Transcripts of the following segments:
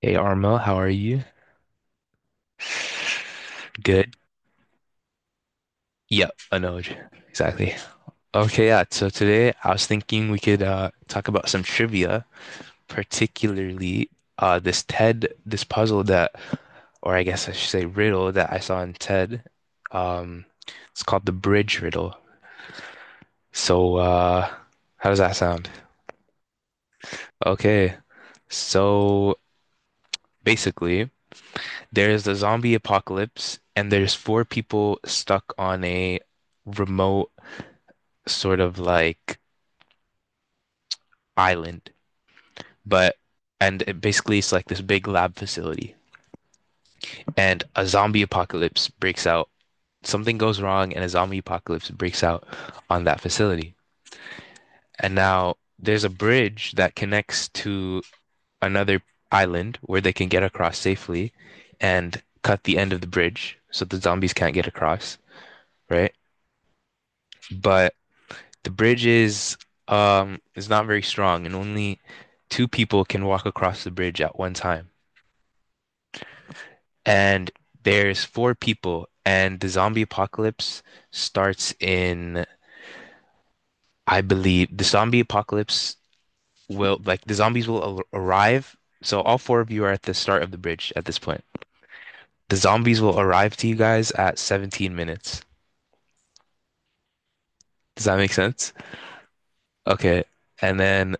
Hey Arma, how are you? Good. Yep, I know. It. Exactly. Okay, yeah. So today I was thinking we could talk about some trivia, particularly, this TED, this puzzle that, or I guess I should say riddle, that I saw in TED. Um it's called the bridge riddle. So, how does that sound? Okay. So basically, there's a zombie apocalypse, and there's four people stuck on a remote, sort of like, island. But And it, basically, it's like this big lab facility, and a zombie apocalypse breaks out. Something goes wrong, and a zombie apocalypse breaks out on that facility. And now there's a bridge that connects to another island where they can get across safely and cut the end of the bridge so the zombies can't get across, right? But the bridge is not very strong, and only two people can walk across the bridge at one time. And there's four people, and the zombie apocalypse starts in, I believe the zombie apocalypse will like, the zombies will arrive. So all four of you are at the start of the bridge at this point. The zombies will arrive to you guys at 17 minutes. Does that make sense? Okay. And then,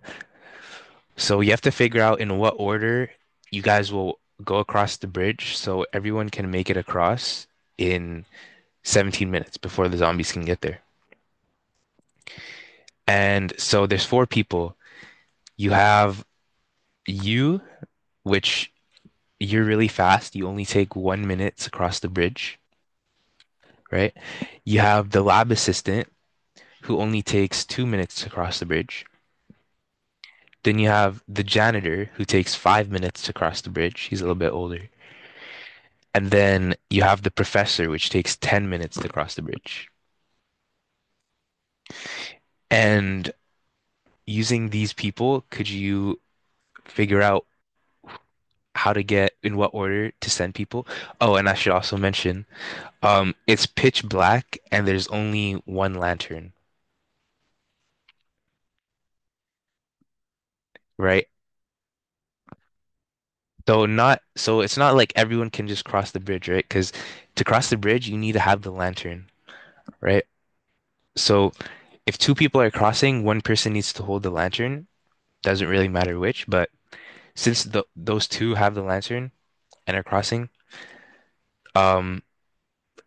so you have to figure out in what order you guys will go across the bridge so everyone can make it across in 17 minutes before the zombies can get there. And so there's four people. You have you, which, you're really fast. You only take 1 minute across the bridge, right? You have the lab assistant, who only takes 2 minutes to cross the bridge. Then you have the janitor, who takes 5 minutes to cross the bridge. He's a little bit older. And then you have the professor, which takes 10 minutes to cross the bridge. And using these people, could you figure out how to get, in what order to send people? Oh, and I should also mention, it's pitch black and there's only one lantern, right? So it's not like everyone can just cross the bridge, right? Because to cross the bridge, you need to have the lantern, right? So if two people are crossing, one person needs to hold the lantern. Doesn't really matter which, but since those two have the lantern and are crossing, um,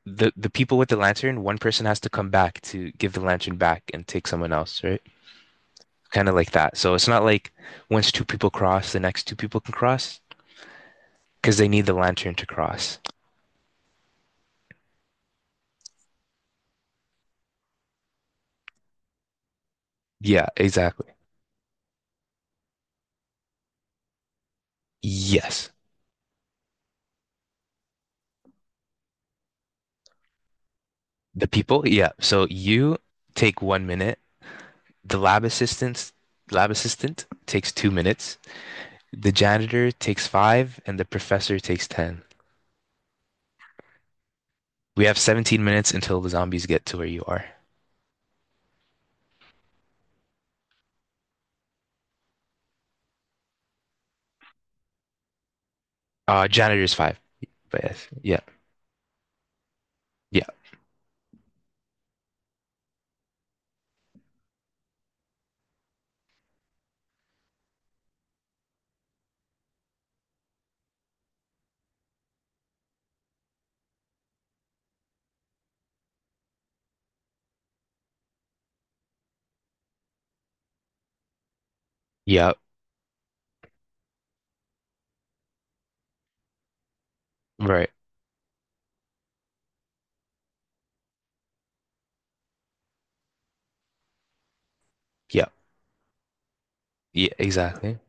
the people with the lantern, one person has to come back to give the lantern back and take someone else, right? Kind of like that. So it's not like once two people cross, the next two people can cross because they need the lantern to cross. Yeah, exactly. Yes. The people, yeah. So you take 1 minute. The lab assistant takes 2 minutes. The janitor takes five, and the professor takes ten. We have 17 minutes until the zombies get to where you are. Janitor's five. But yes. Yeah, yeah, yeah. Right. Yeah, yeah. Exactly.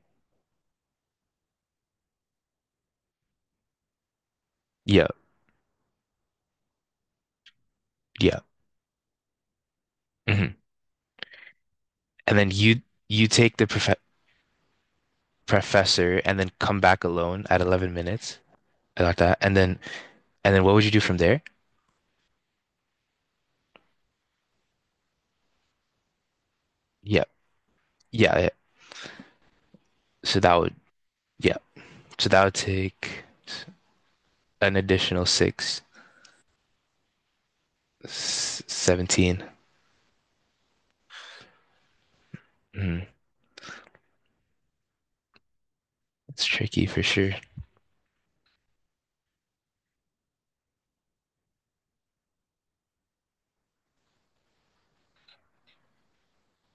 Yeah, yeah. hmm And then, you take the professor and then come back alone at 11 minutes. I got that. and then what would you do from there? Yeah, yeah, yeah. So that would, yeah. So that would take an additional six. 17. Mhm. It's tricky for sure.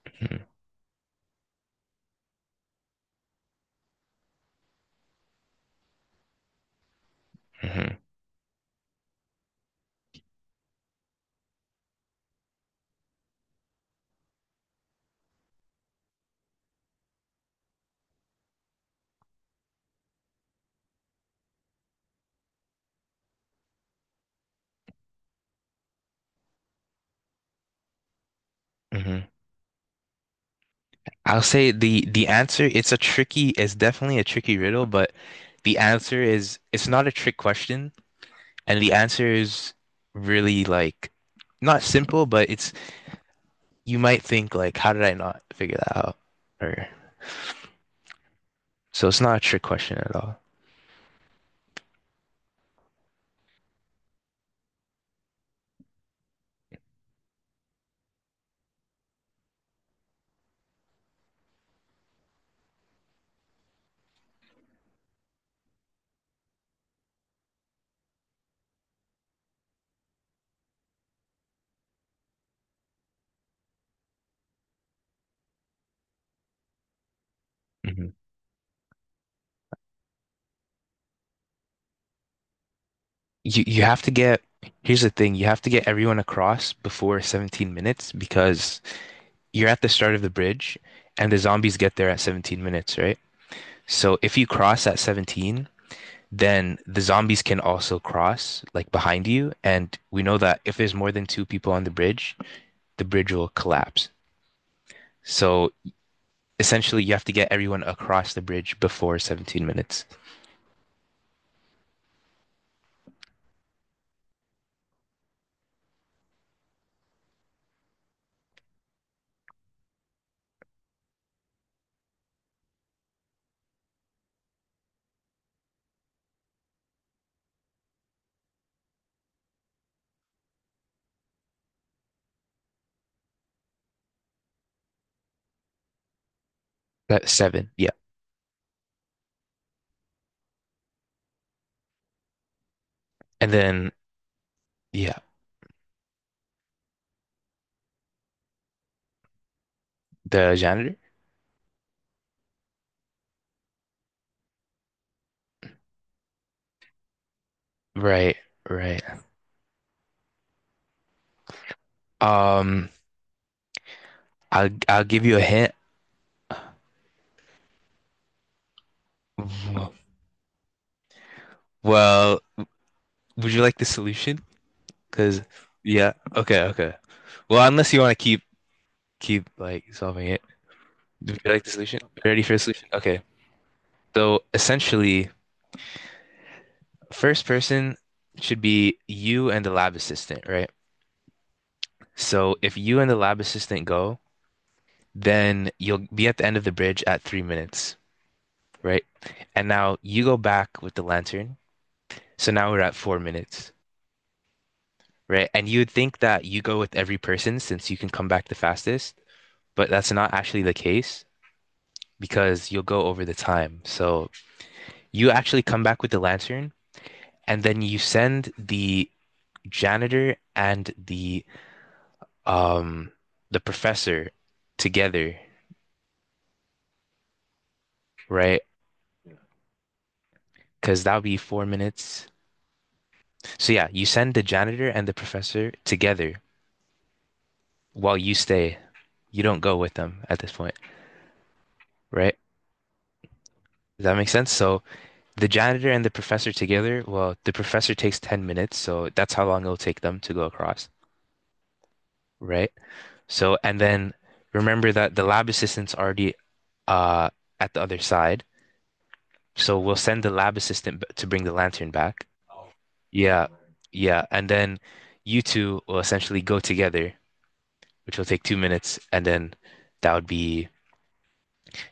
Mhm, mhm. hmm I'll say the answer, it's definitely a tricky riddle, but the answer is, it's not a trick question, and the answer is, really, like, not simple, but it's you might think, like, how did I not figure that out? Or So it's not a trick question at all. hmm you have to get, here's the thing, you have to get everyone across before 17 minutes because you're at the start of the bridge and the zombies get there at 17 minutes, right? So if you cross at 17, then the zombies can also cross, like, behind you. And we know that if there's more than two people on the bridge will collapse. So essentially, you have to get everyone across the bridge before 17 minutes. That's seven. Yeah. And then, yeah, the janitor. Right, right. Um, I'll give you a hint. Well, would you like the solution? Cause yeah, okay, okay. Well, unless you want to keep like solving it. Do you like the solution? Ready for a solution? Okay. So essentially, first person should be you and the lab assistant, right? So if you and the lab assistant go, then you'll be at the end of the bridge at 3 minutes, right? And now you go back with the lantern. So now we're at 4 minutes, right? And you would think that you go with every person since you can come back the fastest, but that's not actually the case. Because you'll go over the time. So you actually come back with the lantern, and then you send the janitor and um the professor together, right? Because that'll be 4 minutes. So yeah, you send the janitor and the professor together while you stay. You don't go with them at this point, right? Does that make sense? So the janitor and the professor together, well, the professor takes 10 minutes, so that's how long it'll take them to go across, right? So, and then, remember that the lab assistant's already uh at the other side. So we'll send the lab assistant to bring the lantern back. Yeah, yeah. And then you two will essentially go together, which will take 2 minutes, and then that would be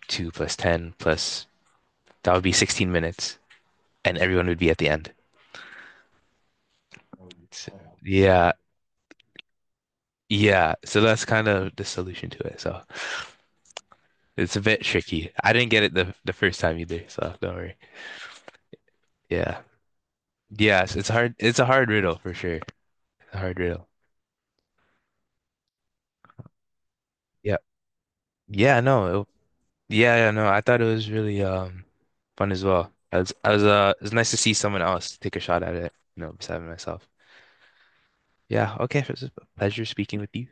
two plus ten plus, that would be 16 minutes, and everyone would be at the end. S- yeah, yeah. So that's kind of the solution to it. So it's a bit tricky. I didn't get it the first time either, so don't worry. Yeah. Yes, it's hard. It's a hard riddle for sure. A hard riddle. Yeah. Yeah, no. It, yeah, yeah, no. I thought it was really fun as well. I was It was nice to see someone else take a shot at it, besides myself. Yeah, okay. It was a pleasure speaking with you.